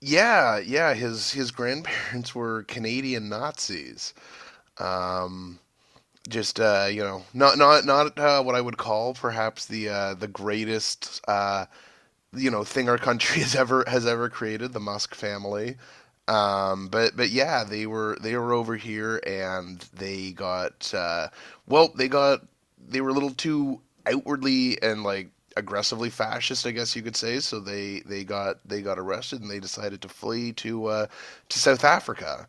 Yeah, yeah. His grandparents were Canadian Nazis. Um, just not what I would call perhaps the greatest thing our country has ever created, the Musk family. But yeah, they were over here and they got they got they were a little too outwardly and like aggressively fascist, I guess you could say. So they got arrested and they decided to flee to South Africa.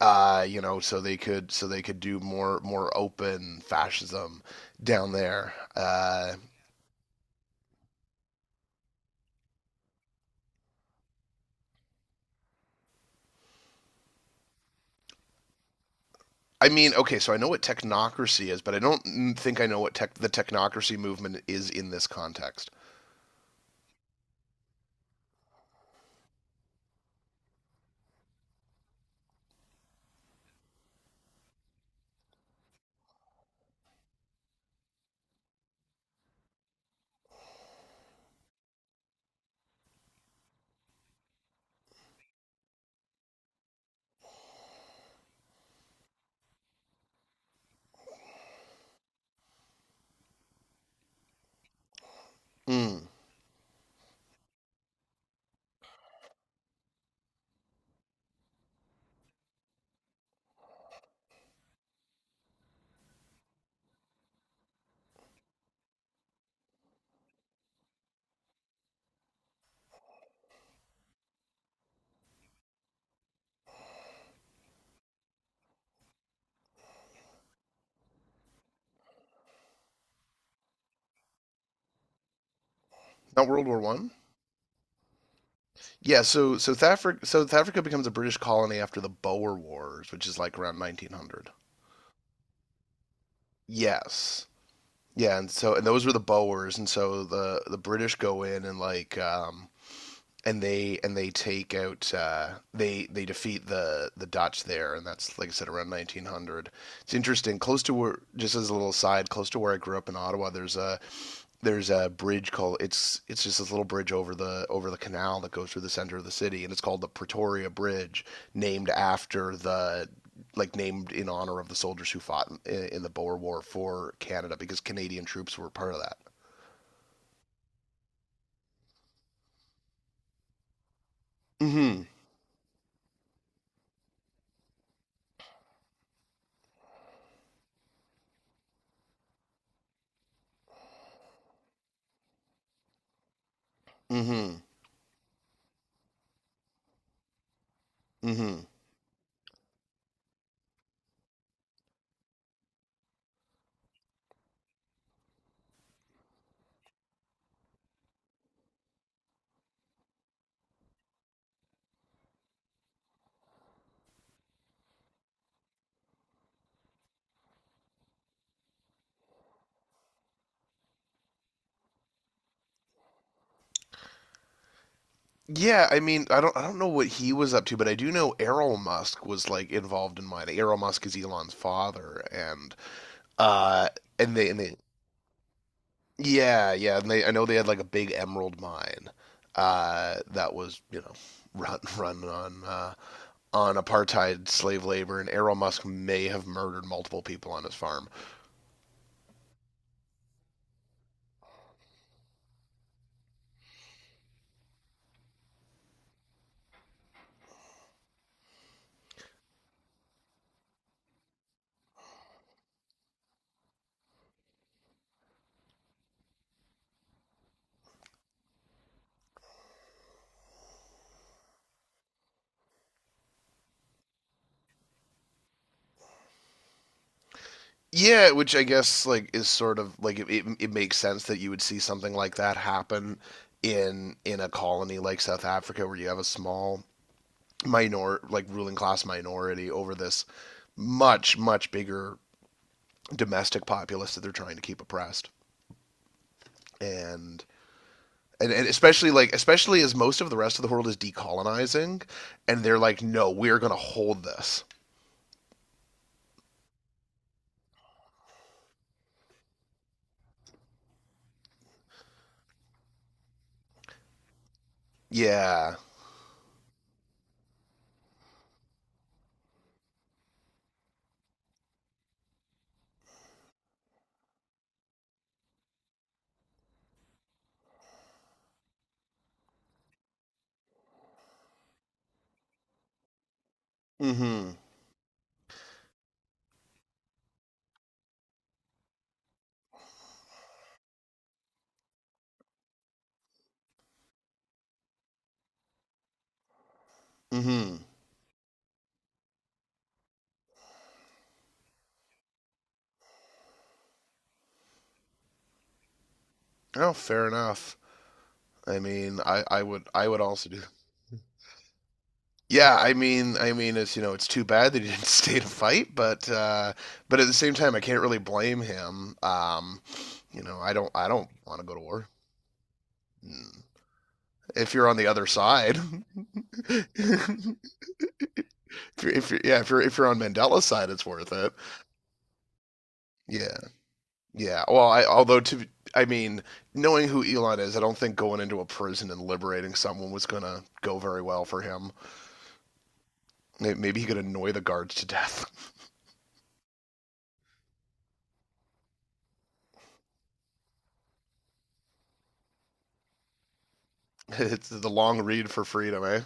So they could do more open fascism down there. I mean, okay, so I know what technocracy is, but I don't think I know what the technocracy movement is in this context. Mm, not World War One. Yeah, so South Africa, so South Africa becomes a British colony after the Boer Wars, which is like around 1900. Yes, yeah, and so and those were the Boers, and so the British go in and and they take out. They defeat the Dutch there, and that's like I said around 1900. It's interesting. Close to where, just as a little side, close to where I grew up in Ottawa, there's a bridge called it's just this little bridge over the canal that goes through the center of the city, and it's called the Pretoria Bridge, named after the like named in honor of the soldiers who fought in the Boer War for Canada because Canadian troops were part of that. Mm-hmm. Mm-hmm. Mm-hmm. Yeah, I mean, I don't know what he was up to, but I do know Errol Musk was like involved in mine. Errol Musk is Elon's father, uh, and they yeah, yeah, and they I know they had like a big emerald mine, that was you know run on apartheid slave labor, and Errol Musk may have murdered multiple people on his farm. Yeah, which I guess like is sort of like it makes sense that you would see something like that happen in a colony like South Africa where you have a small minor like ruling class minority over this much bigger domestic populace that they're trying to keep oppressed. And and especially especially as most of the rest of the world is decolonizing and they're like no, we're going to hold this. Yeah. Mhm. Mhm. Oh, fair enough. I mean, I would I would also do yeah, I mean, it's you know, it's too bad that he didn't stay to fight, but at the same time, I can't really blame him. You know, I don't want to go to war. Mm. If you're on the other side, if if you're, yeah, if you're on Mandela's side, it's worth it. Yeah, yeah. Well, I although I mean, knowing who Elon is, I don't think going into a prison and liberating someone was gonna go very well for him. Maybe he could annoy the guards to death. it's the long read for freedom, eh?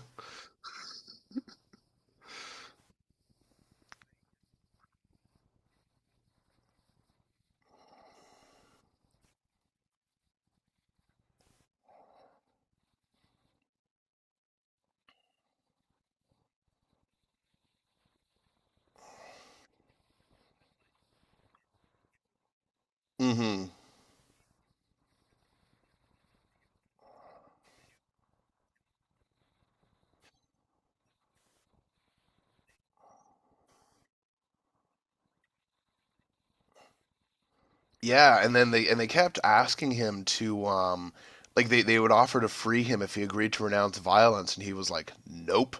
Mm-hmm. Yeah, and then they kept asking him to they would offer to free him if he agreed to renounce violence and he was like, nope.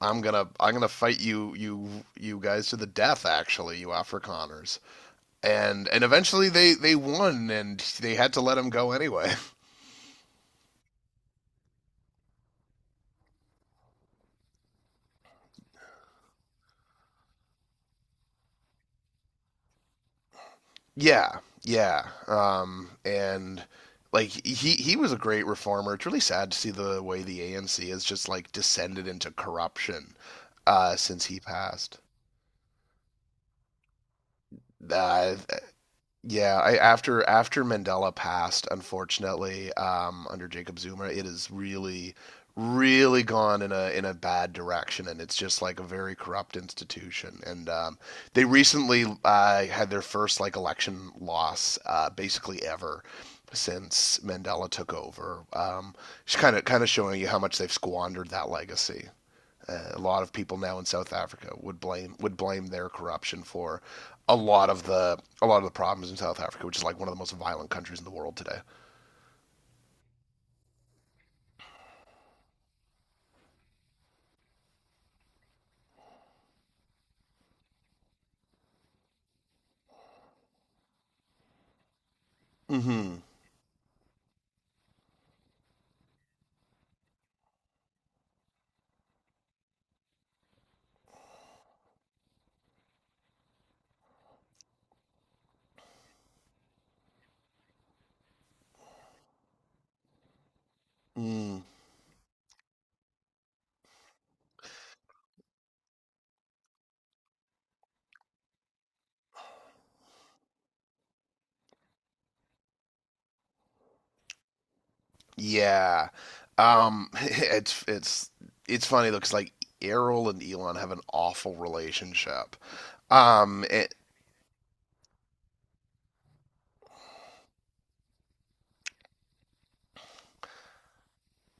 I'm gonna fight you guys to the death actually, you Afrikaners. And eventually they won and they had to let him go anyway. yeah, yeah. Um, and like he was a great reformer. It's really sad to see the way the ANC has just like descended into corruption since he passed. Uh, Yeah, I, after Mandela passed, unfortunately, under Jacob Zuma, it has really gone in a bad direction, and it's just like a very corrupt institution. And they recently had their first like election loss, basically ever since Mandela took over. Just kind of showing you how much they've squandered that legacy. A lot of people now in South Africa would blame their corruption for a lot of the problems in South Africa, which is like one of the most violent countries in the world today. Mm-hmm. Mm, yeah. Um, it's it's it's funny though, because like Errol and Elon have an awful relationship. Um, it,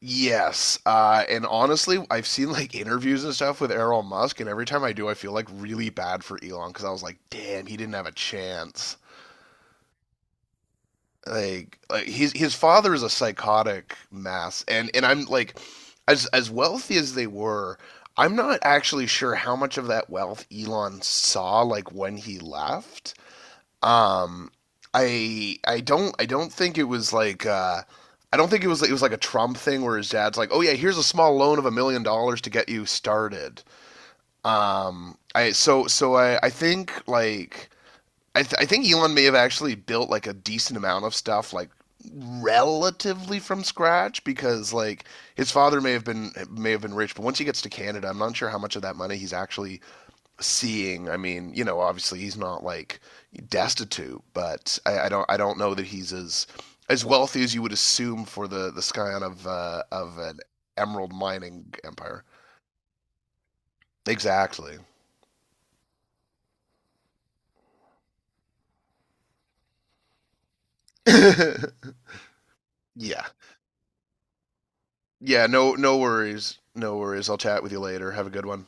yes. And honestly, I've seen like interviews and stuff with Errol Musk, and every time I do, I feel like really bad for Elon because I was like, damn, he didn't have a chance. Like his father is a psychotic mass, and I'm like as wealthy as they were, I'm not actually sure how much of that wealth Elon saw like when he left. um I don't think it was like I don't think it was like a Trump thing where his dad's like, "Oh yeah, here's a small loan of $1 million to get you started." I so so I think like I think Elon may have actually built like a decent amount of stuff like relatively from scratch because like his father may have been rich, but once he gets to Canada, I'm not sure how much of that money he's actually seeing. I mean, you know, obviously he's not like destitute, I don't know that he's as wealthy as you would assume for the scion of an emerald mining empire. Exactly. yeah, yeah, no, no worries, no worries, I'll chat with you later, have a good one.